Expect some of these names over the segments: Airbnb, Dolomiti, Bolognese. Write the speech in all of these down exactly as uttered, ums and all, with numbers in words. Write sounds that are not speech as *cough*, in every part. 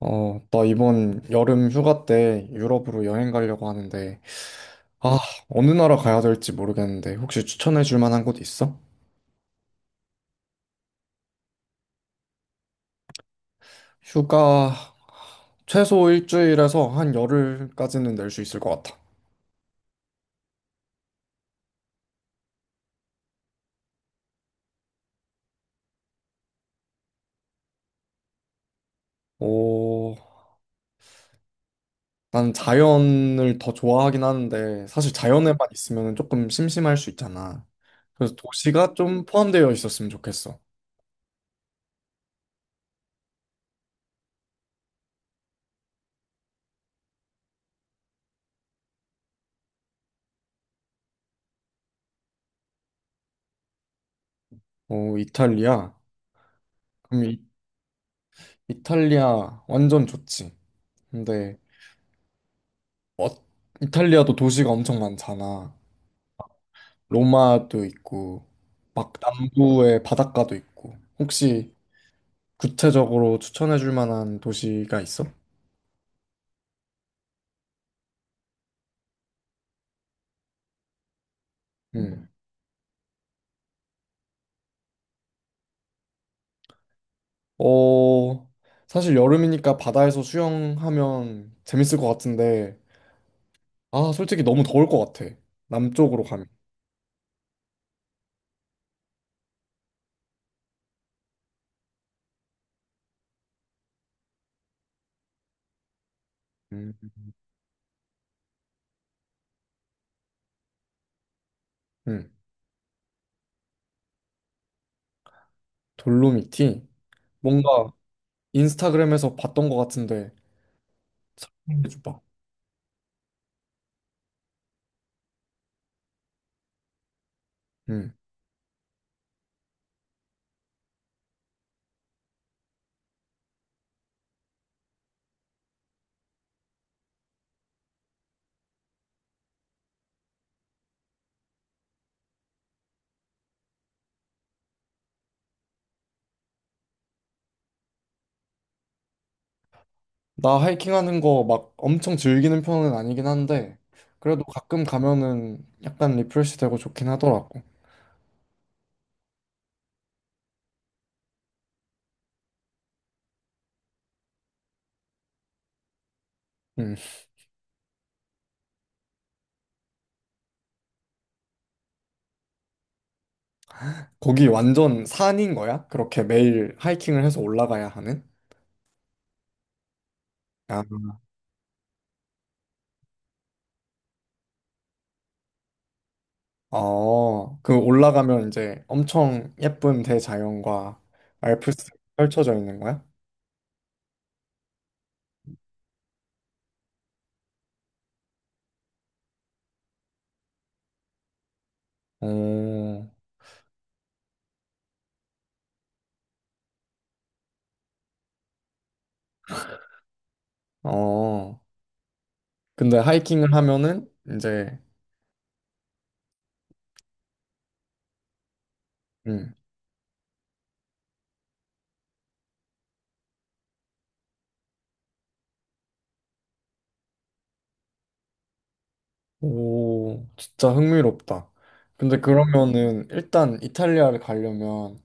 어, 나 이번 여름 휴가 때 유럽으로 여행 가려고 하는데, 아, 어느 나라 가야 될지 모르겠는데, 혹시 추천해 줄 만한 곳 있어? 휴가 최소 일주일에서 한 열흘까지는 낼 수 있을 것 같아. 오, 난 자연을 더 좋아하긴 하는데, 사실 음. 자연에만 있으면 조금 심심할 수 있잖아. 그래서 도시가 좀 포함되어 있었으면 좋겠어. 오, 이탈리아? 그럼 이, 이탈리아 완전 좋지. 근데 어, 이탈리아도 도시가 엄청 많잖아. 로마도 있고, 막 남부의 바닷가도 있고. 혹시 구체적으로 추천해 줄 만한 도시가 있어? 음. 어, 사실 여름이니까 바다에서 수영하면 재밌을 것 같은데, 아, 솔직히 너무 더울 것 같아. 남쪽으로 가면. 음. 음. 돌로미티? 뭔가 인스타그램에서 봤던 것 같은데, 설명해 줘봐. 나 하이킹하는 거 막 엄청 즐기는 편은 아니긴 한데 그래도 가끔 가면은 약간 리프레시 되고 좋긴 하더라고. 음. 거기 완전 산인 거야? 그렇게 매일 하이킹을 해서 올라가야 하는? 아, 어, 그 올라가면 이제 엄청 예쁜 대자연과 알프스 펼쳐져 있는 거야? 어, 어. 근데 하이킹을 하면은 이제. 음, 오, 진짜 흥미롭다. 근데 음. 그러면은 일단 이탈리아를 가려면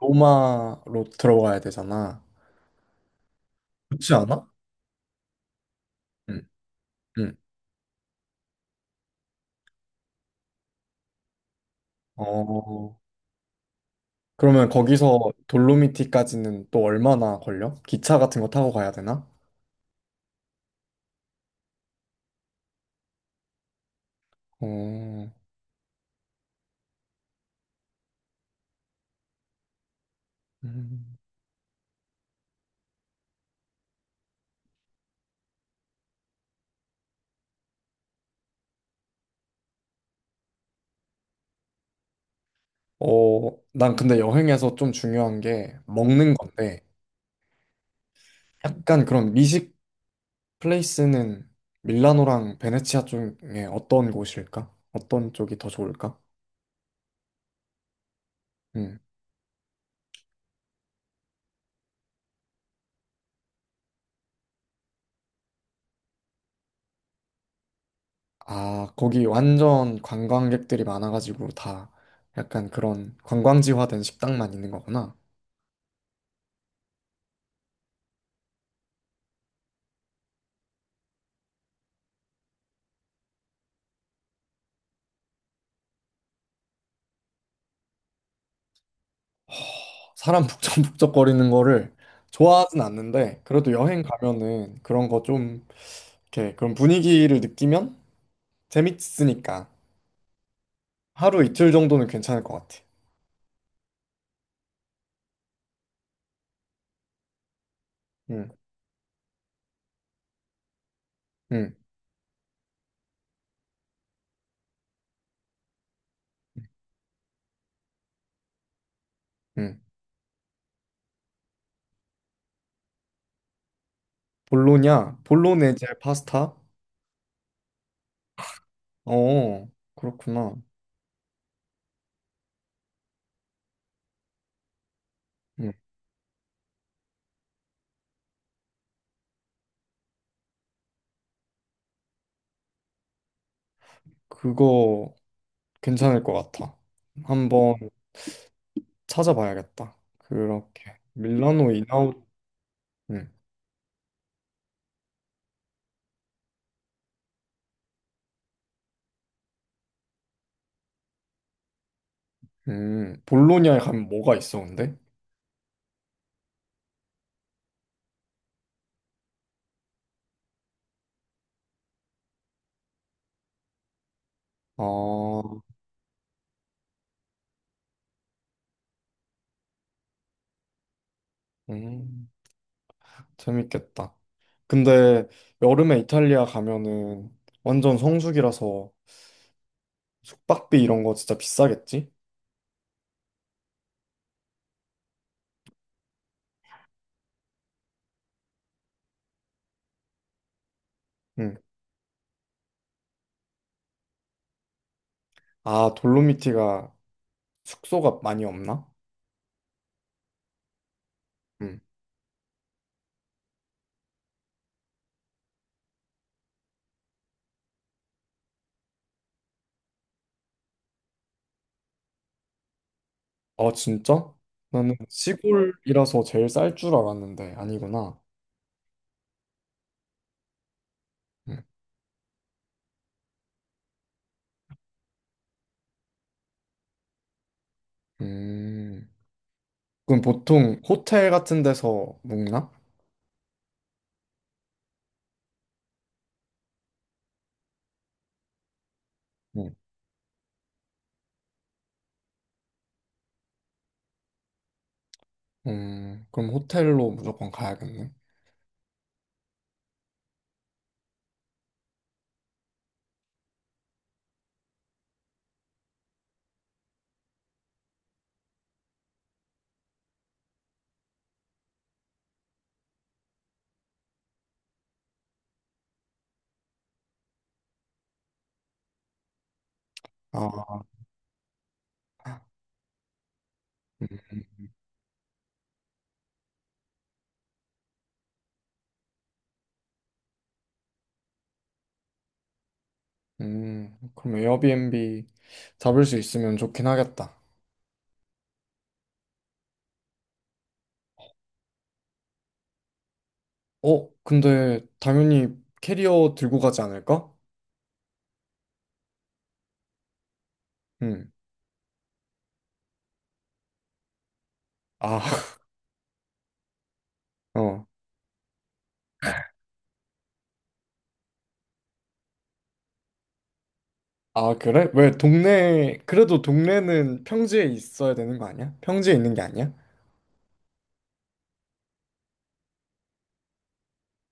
로마로 들어가야 되잖아. 그렇지 않아? 응, 응. 어, 그러면 거기서 돌로미티까지는 또 얼마나 걸려? 기차 같은 거 타고 가야 되나? 어, 음. 어, 난 근데 여행에서 좀 중요한 게 먹는 건데 약간 그런 미식 플레이스는 밀라노랑 베네치아 쪽에 어떤 곳일까? 어떤 쪽이 더 좋을까? 응. 아, 거기 완전 관광객들이 많아가지고 다 약간 그런 관광지화된 식당만 있는 거구나. 사람 북적북적거리는 거를 좋아하진 않는데, 그래도 여행 가면은 그런 거 좀, 이렇게 그런 분위기를 느끼면 재밌으니까 하루 이틀 정도는 괜찮을 것 같아. 응, 응, 응. 볼로냐? 볼로네제 파스타? 어, 그렇구나. 응, 그거 괜찮을 것 같아. 한번 찾아봐야겠다. 그렇게. 밀라노 인아웃. 음. 음. 볼로냐에 가면 뭐가 있어, 근데? 아, 음. 재밌겠다. 근데 여름에 이탈리아 가면은 완전 성수기라서 숙박비 이런 거 진짜 비싸겠지? 응. 아, 돌로미티가 숙소가 많이 없나? 응. 아, 진짜? 나는 시골이라서 제일 쌀 줄 알았는데 아니구나. 음. 음. 그럼 보통 호텔 같은 데서 묵나? 응. 음, 그럼 호텔로 무조건 가야겠네. 아, 음, 음, 그럼 에어비앤비 잡을 수 있으면 좋긴 하겠다. 어, 근데 당연히 캐리어 들고 가지 않을까? 음, 아, *laughs* 어, 아, 그래? 왜 동네, 그래도 동네는 평지에 있어야 되는 거 아니야? 평지에 있는 게 아니야?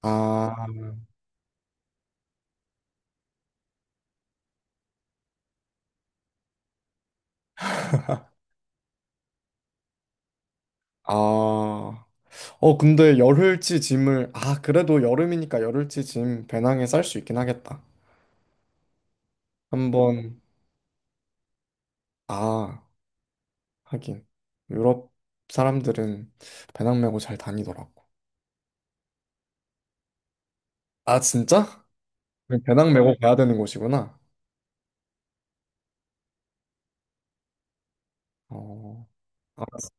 아, 아, 어, 근데 열흘치 짐을, 아, 그래도 여름이니까 열흘치 짐 배낭에 쌀 수 있긴 하겠다. 한번, 아, 하긴 유럽 사람들은 배낭 메고 잘 다니더라고. 아 진짜? 그럼 배낭 메고 가야 되는 곳이구나. 어, 알았어.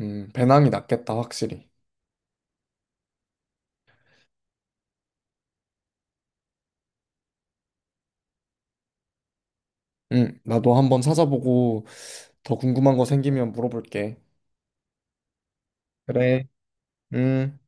음, 배낭이 낫겠다 확실히. 음, 나도 한번 찾아보고 더 궁금한 거 생기면 물어볼게. 그래. 음.